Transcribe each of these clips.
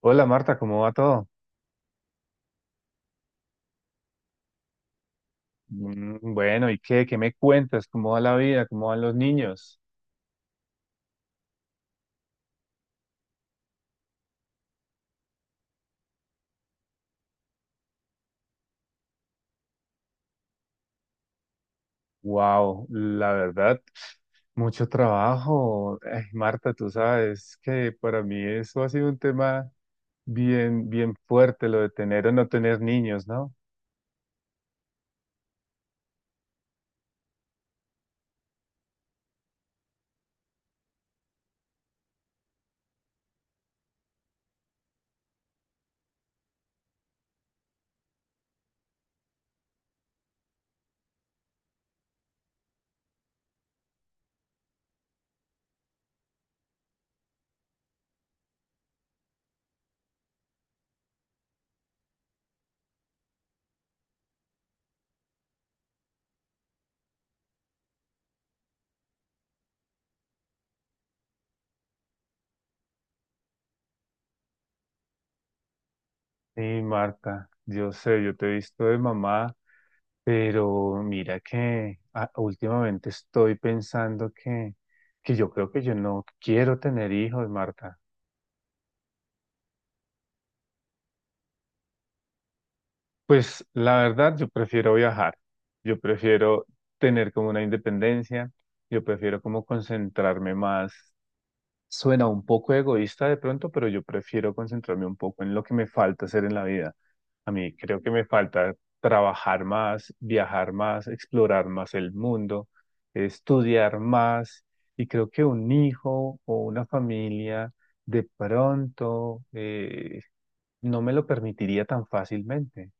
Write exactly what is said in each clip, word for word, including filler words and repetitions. Hola Marta, ¿cómo va todo? Mm, Bueno, ¿y qué? ¿Qué me cuentas? ¿Cómo va la vida? ¿Cómo van los niños? Wow, la verdad, mucho trabajo. Ay, Marta, tú sabes que para mí eso ha sido un tema bien, bien fuerte, lo de tener o no tener niños, ¿no? Sí, Marta, yo sé, yo te he visto de mamá, pero mira que ah, últimamente estoy pensando que, que yo creo que yo no quiero tener hijos, Marta. Pues la verdad, yo prefiero viajar, yo prefiero tener como una independencia, yo prefiero como concentrarme más. Suena un poco egoísta de pronto, pero yo prefiero concentrarme un poco en lo que me falta hacer en la vida. A mí creo que me falta trabajar más, viajar más, explorar más el mundo, estudiar más. Y creo que un hijo o una familia de pronto eh, no me lo permitiría tan fácilmente.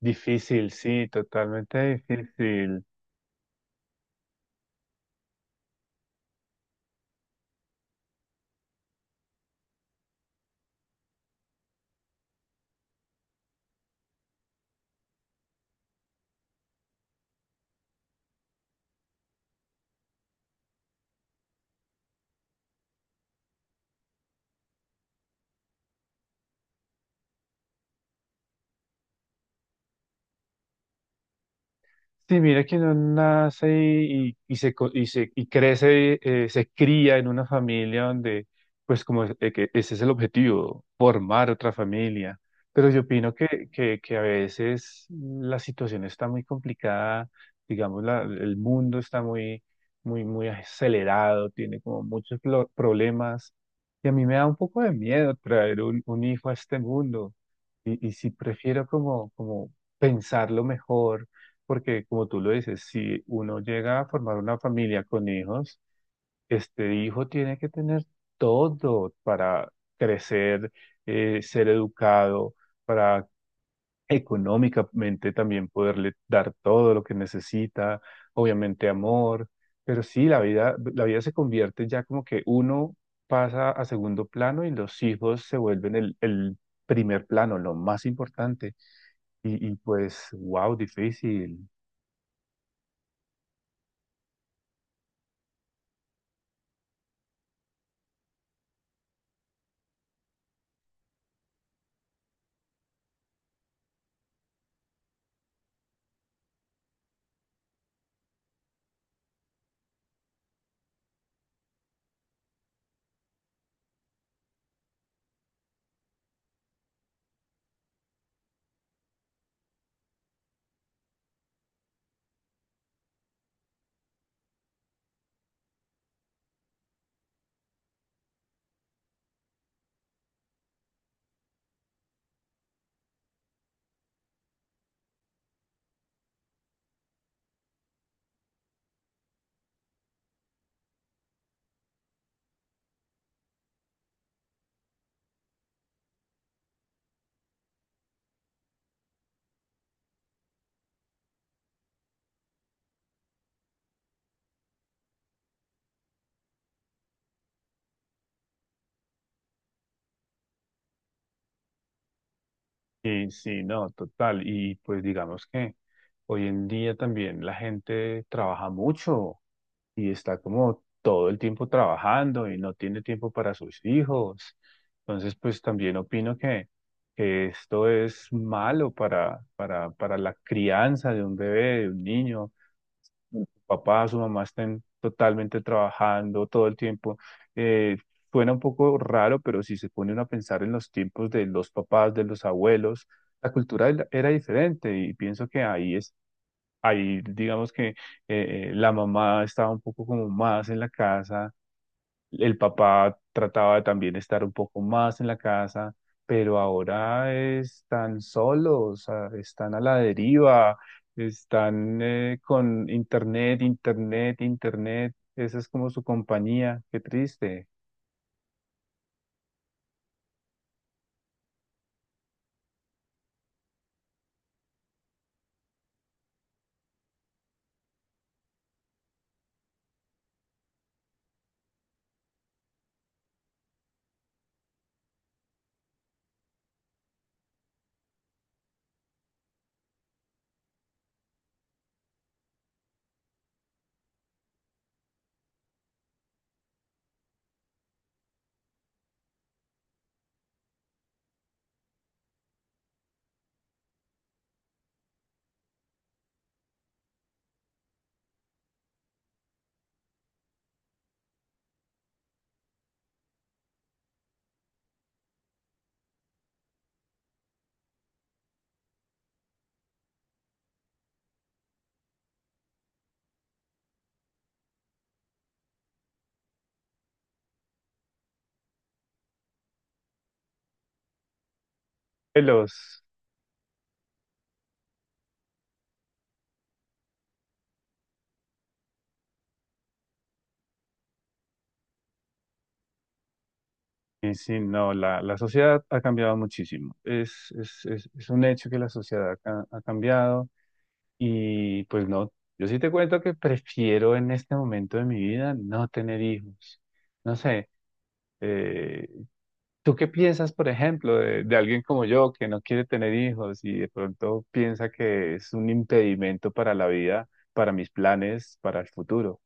Difícil, sí, totalmente difícil. Sí, mira que uno nace y, y y se, co- y, se, y crece, eh, se cría en una familia donde, pues como es- eh, que ese es el objetivo, formar otra familia. Pero yo opino que, que, que a veces la situación está muy complicada, digamos, la- el mundo está muy, muy, muy acelerado, tiene como muchos plo- problemas. Y a mí me da un poco de miedo traer un, un hijo a este mundo. Y, y si prefiero como, como pensarlo mejor porque como tú lo dices, si uno llega a formar una familia con hijos, este hijo tiene que tener todo para crecer, eh, ser educado, para económicamente también poderle dar todo lo que necesita, obviamente amor, pero sí, la vida, la vida se convierte ya como que uno pasa a segundo plano y los hijos se vuelven el, el primer plano, lo más importante. Y, y pues, wow, difícil. Sí, sí, no, total. Y pues digamos que hoy en día también la gente trabaja mucho y está como todo el tiempo trabajando y no tiene tiempo para sus hijos. Entonces, pues también opino que, que esto es malo para, para, para la crianza de un bebé, de un niño papá, su mamá estén totalmente trabajando todo el tiempo. Eh, Suena un poco raro, pero si se pone uno a pensar en los tiempos de los papás, de los abuelos, la cultura era era diferente y pienso que ahí es, ahí digamos que eh, eh, la mamá estaba un poco como más en la casa, el papá trataba de también estar un poco más en la casa, pero ahora están solos, ah, están a la deriva, están eh, con internet, internet, internet. Esa es como su compañía. Qué triste. Los, y sí, no, la, la sociedad ha cambiado muchísimo. Es, es, es, es un hecho que la sociedad ha, ha cambiado y pues no, yo sí te cuento que prefiero en este momento de mi vida no tener hijos. No sé. Eh, ¿Tú qué piensas, por ejemplo, de, de alguien como yo que no quiere tener hijos y de pronto piensa que es un impedimento para la vida, para mis planes, para el futuro?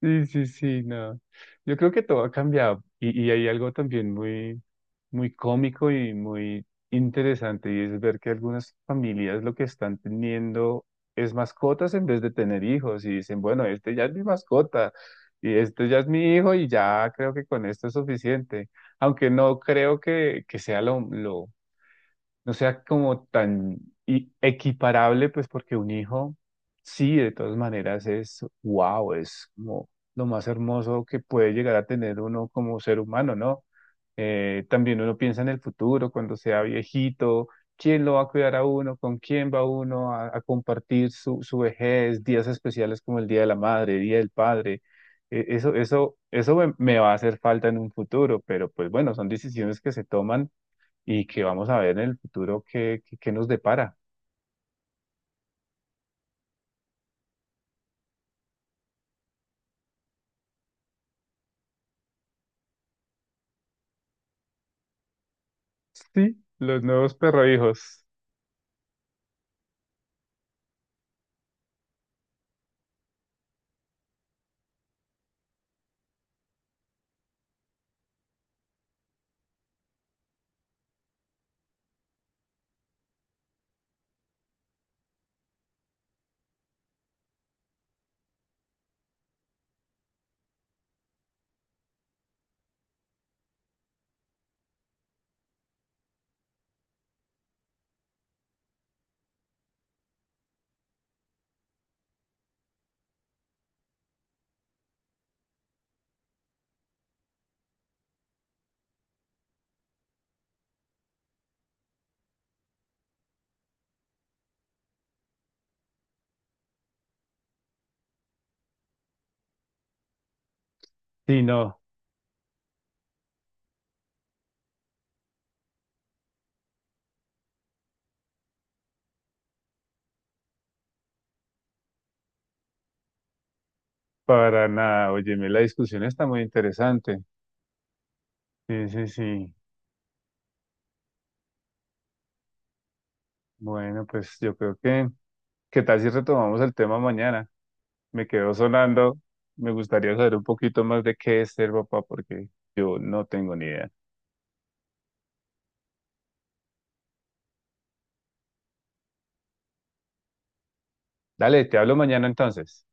Sí, sí, sí, no. Yo creo que todo ha cambiado y, y hay algo también muy, muy cómico y muy interesante y es ver que algunas familias lo que están teniendo es mascotas en vez de tener hijos y dicen, bueno, este ya es mi mascota y este ya es mi hijo y ya creo que con esto es suficiente, aunque no creo que, que sea lo, lo, no sea como tan i- equiparable, pues porque un hijo, sí, de todas maneras es, wow, es como lo más hermoso que puede llegar a tener uno como ser humano, ¿no? Eh, también uno piensa en el futuro, cuando sea viejito, quién lo va a cuidar a uno, con quién va uno a, a compartir su, su vejez, días especiales como el Día de la Madre, Día del Padre. Eh, eso, eso, eso me me va a hacer falta en un futuro, pero pues bueno, son decisiones que se toman y que vamos a ver en el futuro qué, qué, qué nos depara. Sí, los nuevos perrohijos. Sí, no, para nada. Óyeme, la discusión está muy interesante. Sí, sí, sí. Bueno, pues yo creo que, ¿qué tal si retomamos el tema mañana? Me quedó sonando. Me gustaría saber un poquito más de qué es ser papá porque yo no tengo ni idea. Dale, te hablo mañana entonces.